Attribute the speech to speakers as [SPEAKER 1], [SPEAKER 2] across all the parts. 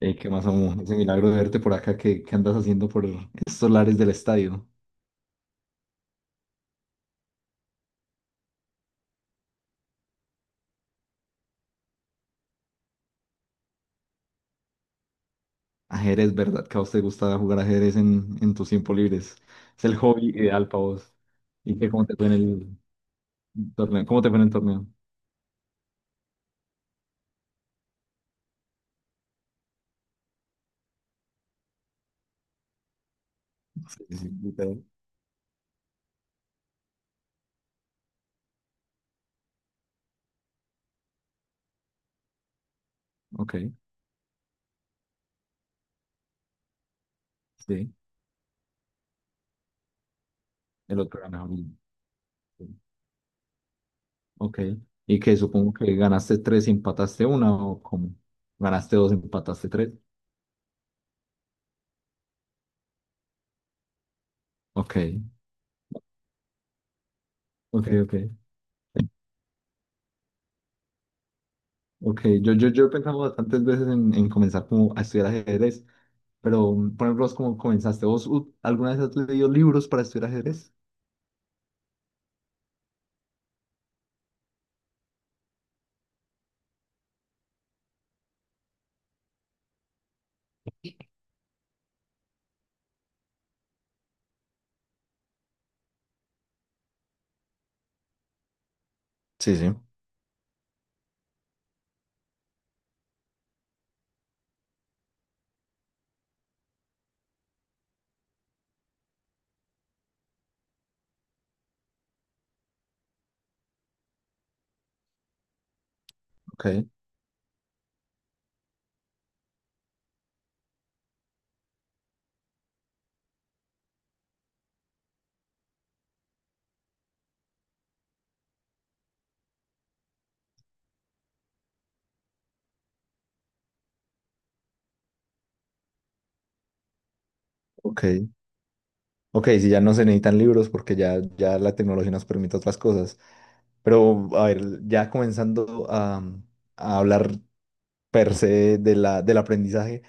[SPEAKER 1] Ey, ¿qué más, amo? Ese milagro de verte por acá, ¿qué andas haciendo por estos lares del estadio? Ajedrez, ¿verdad? Que a vos te gusta jugar ajedrez en tus tiempos libres. Es el hobby ideal para vos. ¿Y qué, cómo te fue en el torneo? ¿Cómo te fue en el torneo? Sí, sí, literal. Ok, sí, el otro ganaba. Sí. Ok, ¿y que supongo que ganaste tres y empataste una, o cómo? Ganaste dos, empataste tres. Ok, ok, ok. Ok, yo he pensado bastantes veces en comenzar como a estudiar ajedrez. Pero, por ejemplo, ¿vos cómo comenzaste? ¿Vos alguna vez has leído libros para estudiar ajedrez? Sí, sí. Ok, ok. Ok, si ya no se necesitan libros porque ya la tecnología nos permite otras cosas. Pero, a ver, ya comenzando a hablar per se del aprendizaje,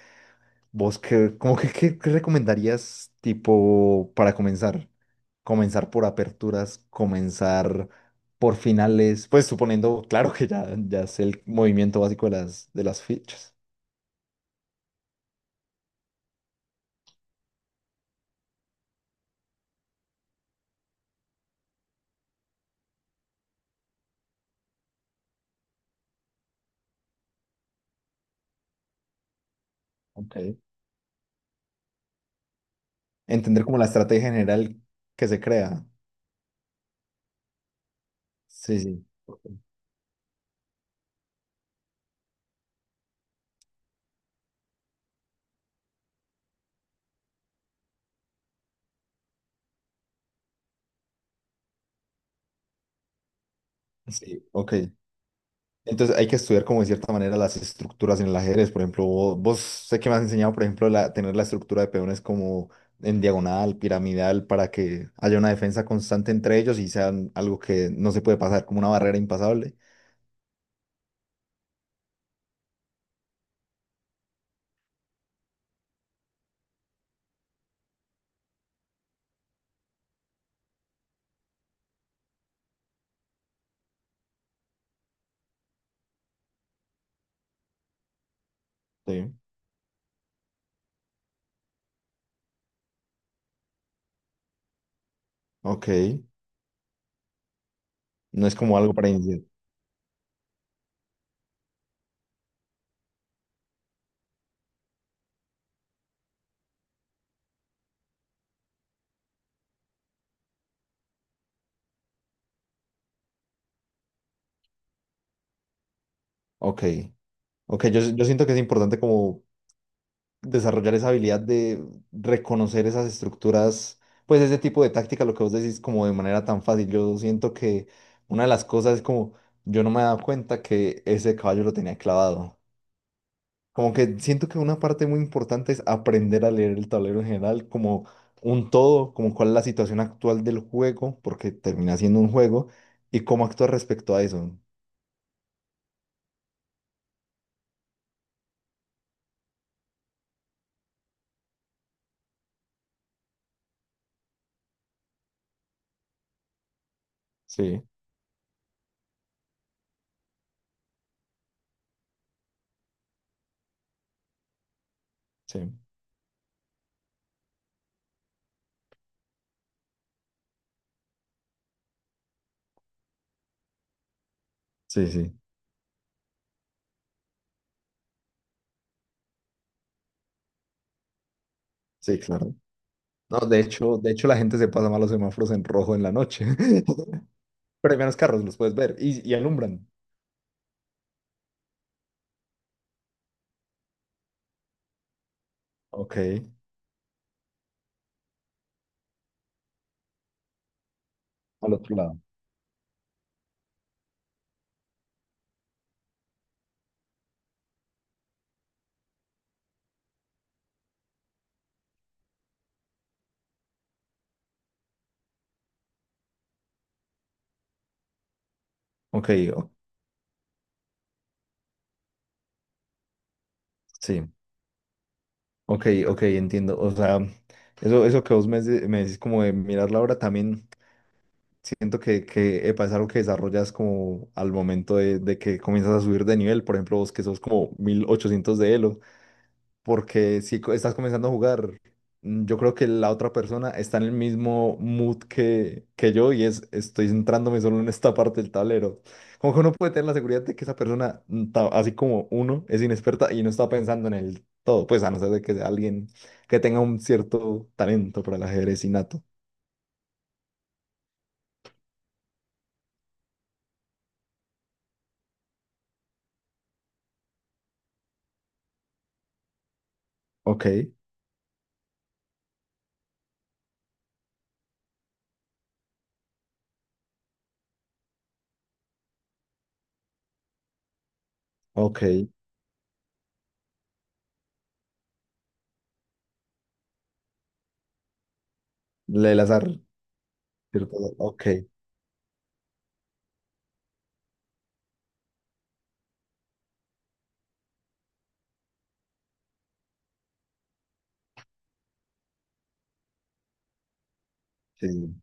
[SPEAKER 1] ¿vos qué, como que, qué recomendarías tipo para comenzar? Comenzar por aperturas, comenzar por finales, pues suponiendo, claro que ya sé el movimiento básico de las fichas. Ok. Entender como la estrategia general que se crea. Sí, sí. Ok. Sí, ok. Entonces hay que estudiar como de cierta manera las estructuras en el ajedrez. Por ejemplo, vos, sé que me has enseñado, por ejemplo, tener la estructura de peones como en diagonal, piramidal, para que haya una defensa constante entre ellos y sean algo que no se puede pasar, como una barrera impasable. Sí. Ok. No es como algo para iniciar. Ok. Ok, yo siento que es importante como desarrollar esa habilidad de reconocer esas estructuras, pues ese tipo de táctica, lo que vos decís, como de manera tan fácil. Yo siento que una de las cosas es como, yo no me he dado cuenta que ese caballo lo tenía clavado. Como que siento que una parte muy importante es aprender a leer el tablero en general, como un todo, como cuál es la situación actual del juego, porque termina siendo un juego, y cómo actuar respecto a eso. Sí, sí, sí, sí, sí, claro. No, de hecho la gente se pasa mal los semáforos en rojo en la noche. Pero hay menos carros, los puedes ver. Y alumbran. Ok. Al otro lado. Ok, o- sí, ok, ok, entiendo. O sea, eso que vos me decís como de mirar la hora, también siento que epa, es algo que desarrollas como al momento de que comienzas a subir de nivel. Por ejemplo, vos que sos como 1800 de Elo, porque si co- estás comenzando a jugar, yo creo que la otra persona está en el mismo mood que yo y es estoy centrándome solo en esta parte del tablero. Como que uno puede tener la seguridad de que esa persona, así como uno, es inexperta y no está pensando en el todo, pues a no ser de que sea alguien que tenga un cierto talento para el ajedrez innato. Ok, ok. Le el azar, ¿cierto? Ok, sí.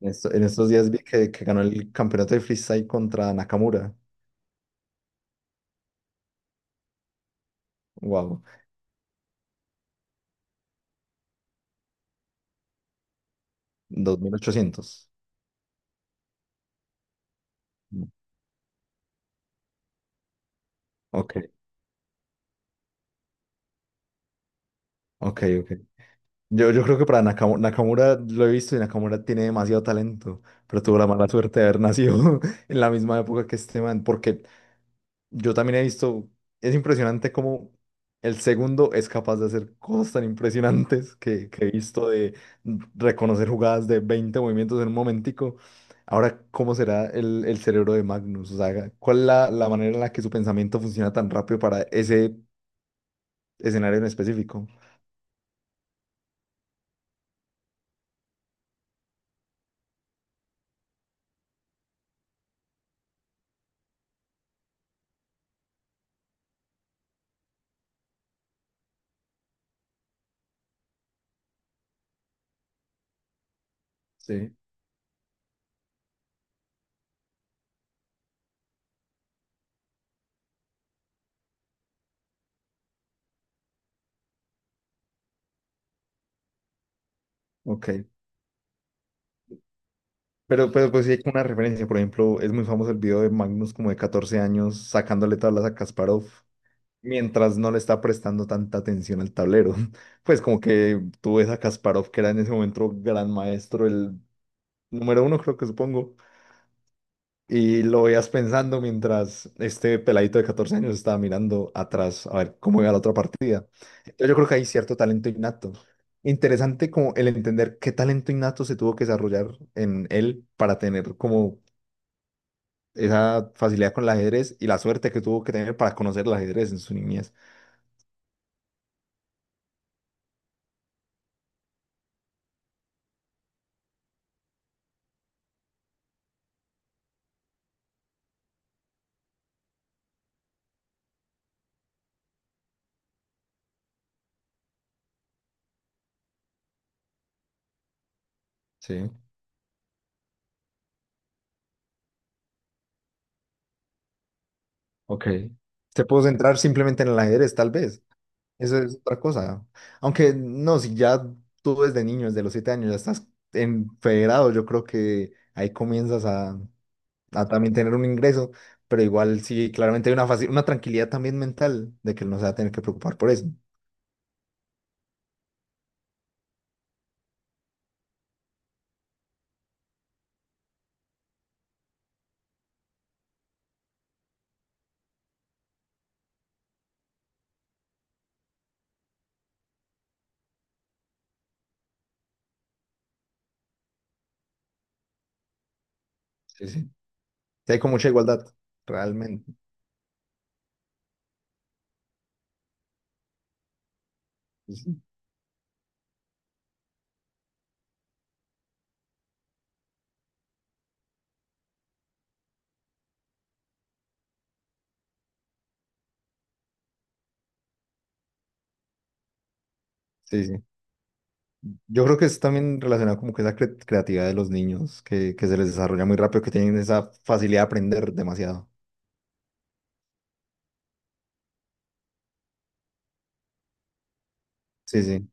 [SPEAKER 1] En estos días vi que ganó el campeonato de freestyle contra Nakamura. Wow. 2800. Ok, ok, ok. Yo creo que para Nakamura, lo he visto y Nakamura tiene demasiado talento, pero tuvo la mala suerte de haber nacido en la misma época que este man, porque yo también he visto, es impresionante cómo el segundo es capaz de hacer cosas tan impresionantes que he visto de reconocer jugadas de 20 movimientos en un momentico. Ahora, ¿cómo será el cerebro de Magnus? O sea, ¿cuál es la manera en la que su pensamiento funciona tan rápido para ese escenario en específico? Sí. Ok. Pero pues sí hay como una referencia. Por ejemplo, es muy famoso el video de Magnus como de 14 años sacándole tablas a Kasparov mientras no le está prestando tanta atención al tablero. Pues como que tú ves a Kasparov que era en ese momento gran maestro, el número uno creo que supongo, y lo veías pensando mientras este peladito de 14 años estaba mirando atrás a ver cómo iba la otra partida. Entonces yo creo que hay cierto talento innato. Interesante como el entender qué talento innato se tuvo que desarrollar en él para tener como esa facilidad con el ajedrez y la suerte que tuvo que tener para conocer el ajedrez en su niñez. Sí, ok. Se pudo centrar simplemente en el ajedrez, tal vez. Eso es otra cosa. Aunque no, si ya tú desde niño, desde los 7 años, ya estás en federado, yo creo que ahí comienzas a también tener un ingreso, pero igual sí, claramente hay una una tranquilidad también mental de que no se va a tener que preocupar por eso. Sí, sí. Sí, hay como mucha igualdad, realmente. Sí, sí. Sí. Yo creo que es también relacionado como que esa creatividad de los niños, que se les desarrolla muy rápido, que tienen esa facilidad de aprender demasiado. Sí, sí.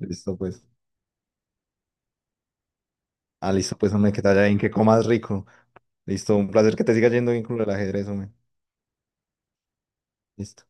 [SPEAKER 1] Listo, pues. Ah, listo, pues, hombre, que te vaya bien, que comas rico. Listo, un placer que te siga yendo bien con el ajedrez, hombre. Listo.